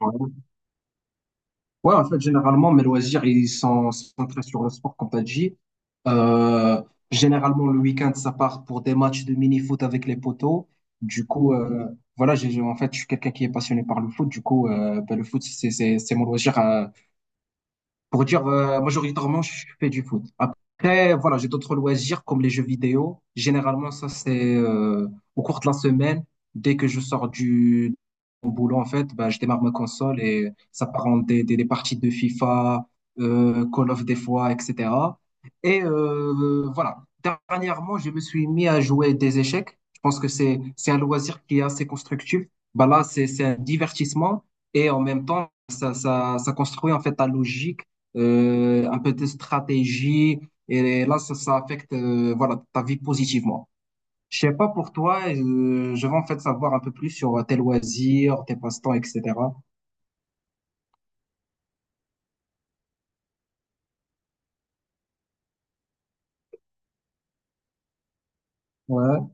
Ouais, Ouais, en fait, généralement, mes loisirs, ils sont centrés sur le sport, comme t'as dit. Euh, Généralement, le week-end, ça part pour des matchs de mini-foot avec les potos. Du coup, euh, voilà, en fait, je suis quelqu'un qui est passionné par le foot. Du coup, ben, le foot, c'est mon loisir, pour dire majoritairement je fais du foot. Après, voilà, j'ai d'autres loisirs comme les jeux vidéo. Généralement, ça c'est au cours de la semaine, dès que je sors du au boulot en fait, bah, je démarre ma console et ça part en des parties de FIFA, Call of des fois, etc. Et voilà, dernièrement, je me suis mis à jouer des échecs. Je pense que c'est un loisir qui est assez constructif. Bah là, c'est un divertissement et en même temps, ça construit en fait ta logique, un peu de stratégie. Et là, ça affecte, voilà, ta vie positivement. Je sais pas pour toi, je veux en fait savoir un peu plus sur tes loisirs, tes passe-temps, etc. Ouais,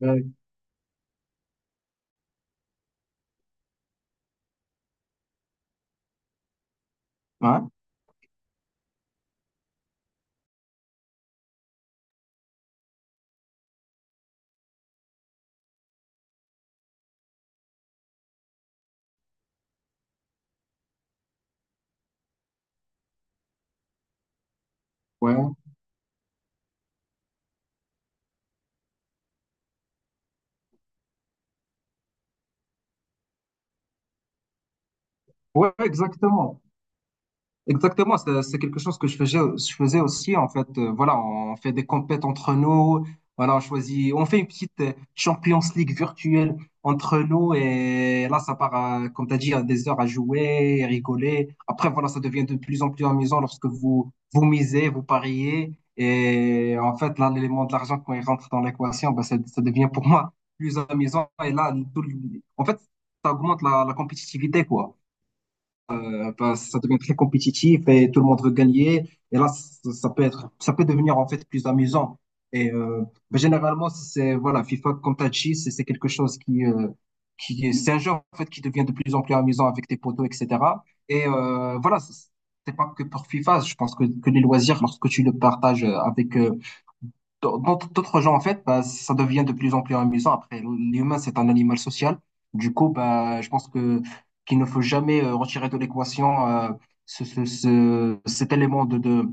ouais, ouais, ouais, ouais, exactement. Exactement, c'est quelque chose que je faisais aussi en fait. Voilà, on fait des compètes entre nous. Voilà, on choisit, on fait une petite Champions League virtuelle entre nous et là ça part, comme tu as dit, à des heures à jouer, rigoler. Après voilà, ça devient de plus en plus amusant lorsque vous vous misez, vous pariez et en fait là l'élément de l'argent quand il rentre dans l'équation, bah, ça devient pour moi plus amusant et là en fait ça augmente la compétitivité quoi. Ben, ça devient très compétitif et tout le monde veut gagner. Et là, ça peut être, ça peut devenir en fait plus amusant. Et ben, généralement, si c'est voilà, FIFA, comme t'as dit, c'est quelque chose qui, c'est un jeu en fait qui devient de plus en plus amusant avec tes potos, etc. Et voilà, c'est pas que pour FIFA. Je pense que les loisirs, lorsque tu le partages avec dans- d'autres gens, en fait, bah, ça devient de plus en plus amusant. Après, l'humain, c'est un animal social. Du coup, bah, je pense que qu'il ne faut jamais retirer de l'équation cet élément de, de,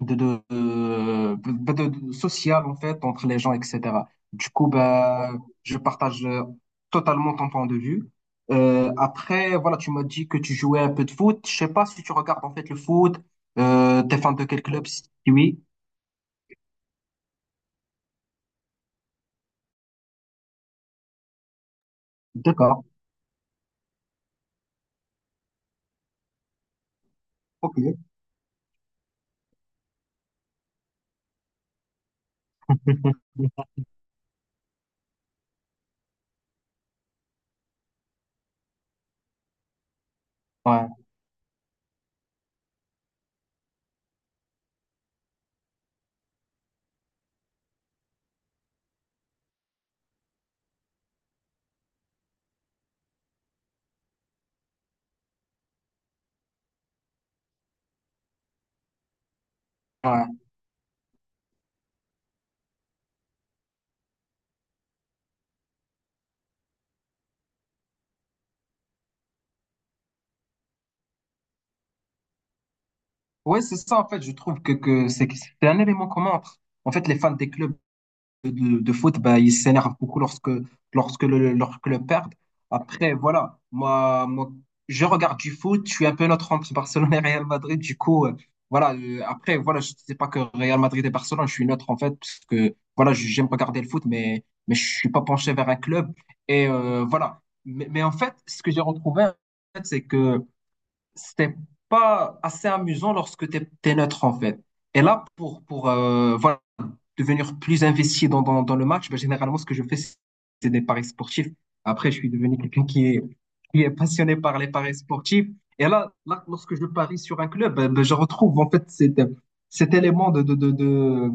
de, de, euh, de- de- de- social, en fait, entre les gens, etc. Du coup, bah, je partage, totalement ton point de vue. Après, voilà, tu m'as dit que tu jouais un peu de foot. Je sais pas si tu regardes, en fait, le foot. T'es fan de quel club? Si oui. D'accord. Ok. Ouais, ouais. Ouais, c'est ça, en fait, je trouve que c'est un élément commun entre. En fait, les fans des clubs de foot, bah, ils s'énervent beaucoup lorsque leur club perd. Après, voilà, je regarde du foot, je suis un peu neutre entre Barcelone et Real Madrid, du coup, voilà, après, voilà, je sais pas que Real Madrid et Barcelone, je suis neutre, en fait, parce que, voilà, je j'aime regarder le foot, mais je suis pas penché vers un club. Et voilà. Mais en fait, ce que j'ai retrouvé, en fait, c'est que c'était pas assez amusant lorsque tu es neutre en fait. Et là, pour voilà, devenir plus investi dans le match, ben, généralement, ce que je fais, c'est des paris sportifs. Après, je suis devenu qui est passionné par les paris sportifs. Et là, lorsque je parie sur un club, je retrouve en fait cet élément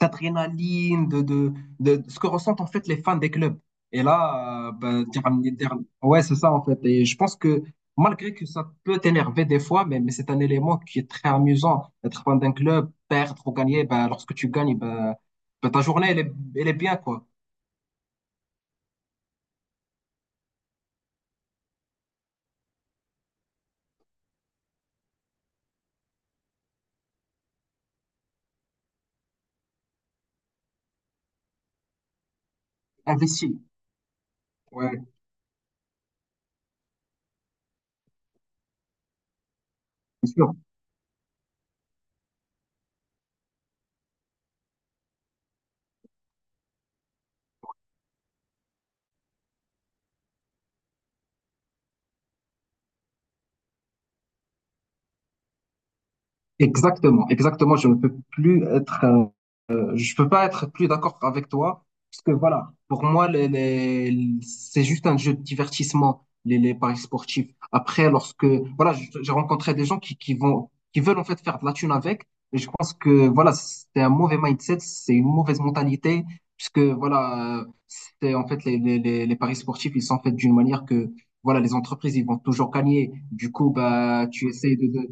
d'adrénaline, de ce que ressentent en fait les fans des clubs. Et là, ben, dire- ouais, c'est ça en fait. Et je pense que malgré que ça peut t'énerver des fois, mais c'est un élément qui est très amusant. Être fan d'un club, perdre ou gagner, ben, lorsque tu gagnes, ta journée, elle est bien, quoi. Investi. Ouais, bien sûr. Exactement, exactement. Je ne peux plus être. Je peux pas être plus d'accord avec toi, parce que voilà, pour moi, c'est juste un jeu de divertissement, les paris sportifs. Après, lorsque, voilà, j'ai rencontré des gens qui veulent en fait faire de la thune avec, et je pense que voilà, c'est un mauvais mindset, c'est une mauvaise mentalité, puisque voilà, c'est en fait les paris sportifs, ils sont faits d'une manière que, voilà, les entreprises, ils vont toujours gagner. Du coup, bah, tu essayes de,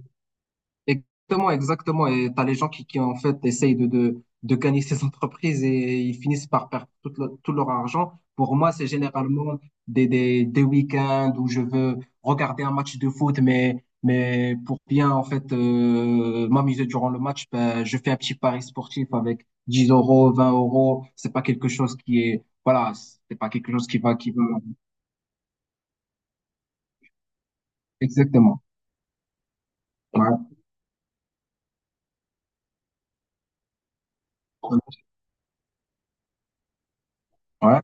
exactement, exactement. Et t'as les gens qui en fait essayent de gagner ces entreprises et ils finissent par perdre tout, tout leur argent. Pour moi, c'est généralement des week-ends où je veux regarder un match de foot, mais pour bien en fait m'amuser durant le match, ben, je fais un petit pari sportif avec 10 euros, 20 euros. C'est pas quelque chose qui est, voilà, c'est pas quelque chose qui va. Exactement. Ouais. Ouais.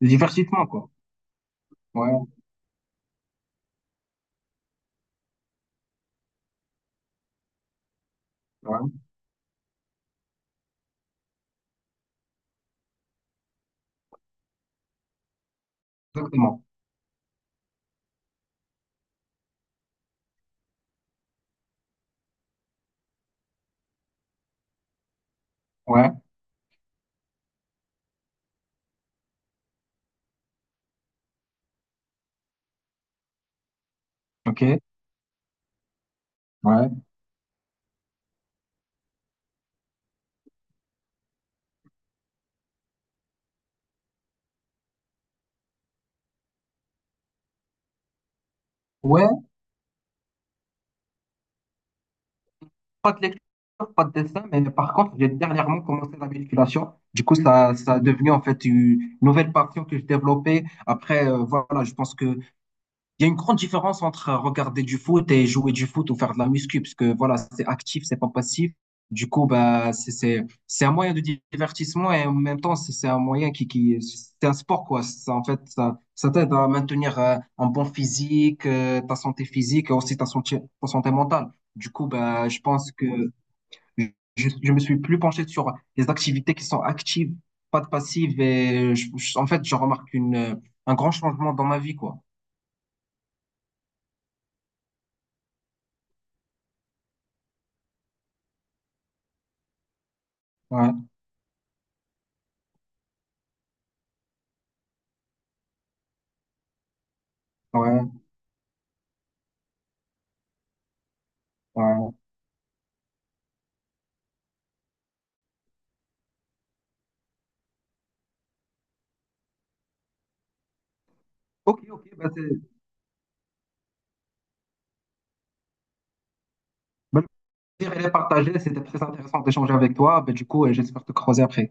Le divertissement, quoi. Ouais. Ouais. Exactement. Ouais. OK. Ouais. Ouais, pas de lecture, pas de dessin, mais par contre, j'ai dernièrement commencé la musculation. Du coup, ça a devenu en fait une nouvelle passion que je développais. Après, voilà, je pense que Il y a une grande différence entre regarder du foot et jouer du foot ou faire de la muscu, parce que voilà, c'est actif, c'est pas passif. Du coup, bah, c'est un moyen de divertissement et en même temps, c'est un moyen c'est un sport, quoi. Ça, en fait, ça t'aide à maintenir, un bon physique, ta santé physique et aussi ta santé mentale. Du coup, bah, je pense que je me suis plus penché sur les activités qui sont actives, pas de passives et en fait, je remarque une, un grand changement dans ma vie, quoi. Ouais, ouais, ouais. Ok, ok, bah, le plaisir il est partagé, c'était très intéressant d'échanger avec toi. Bah, du coup, j'espère te croiser après.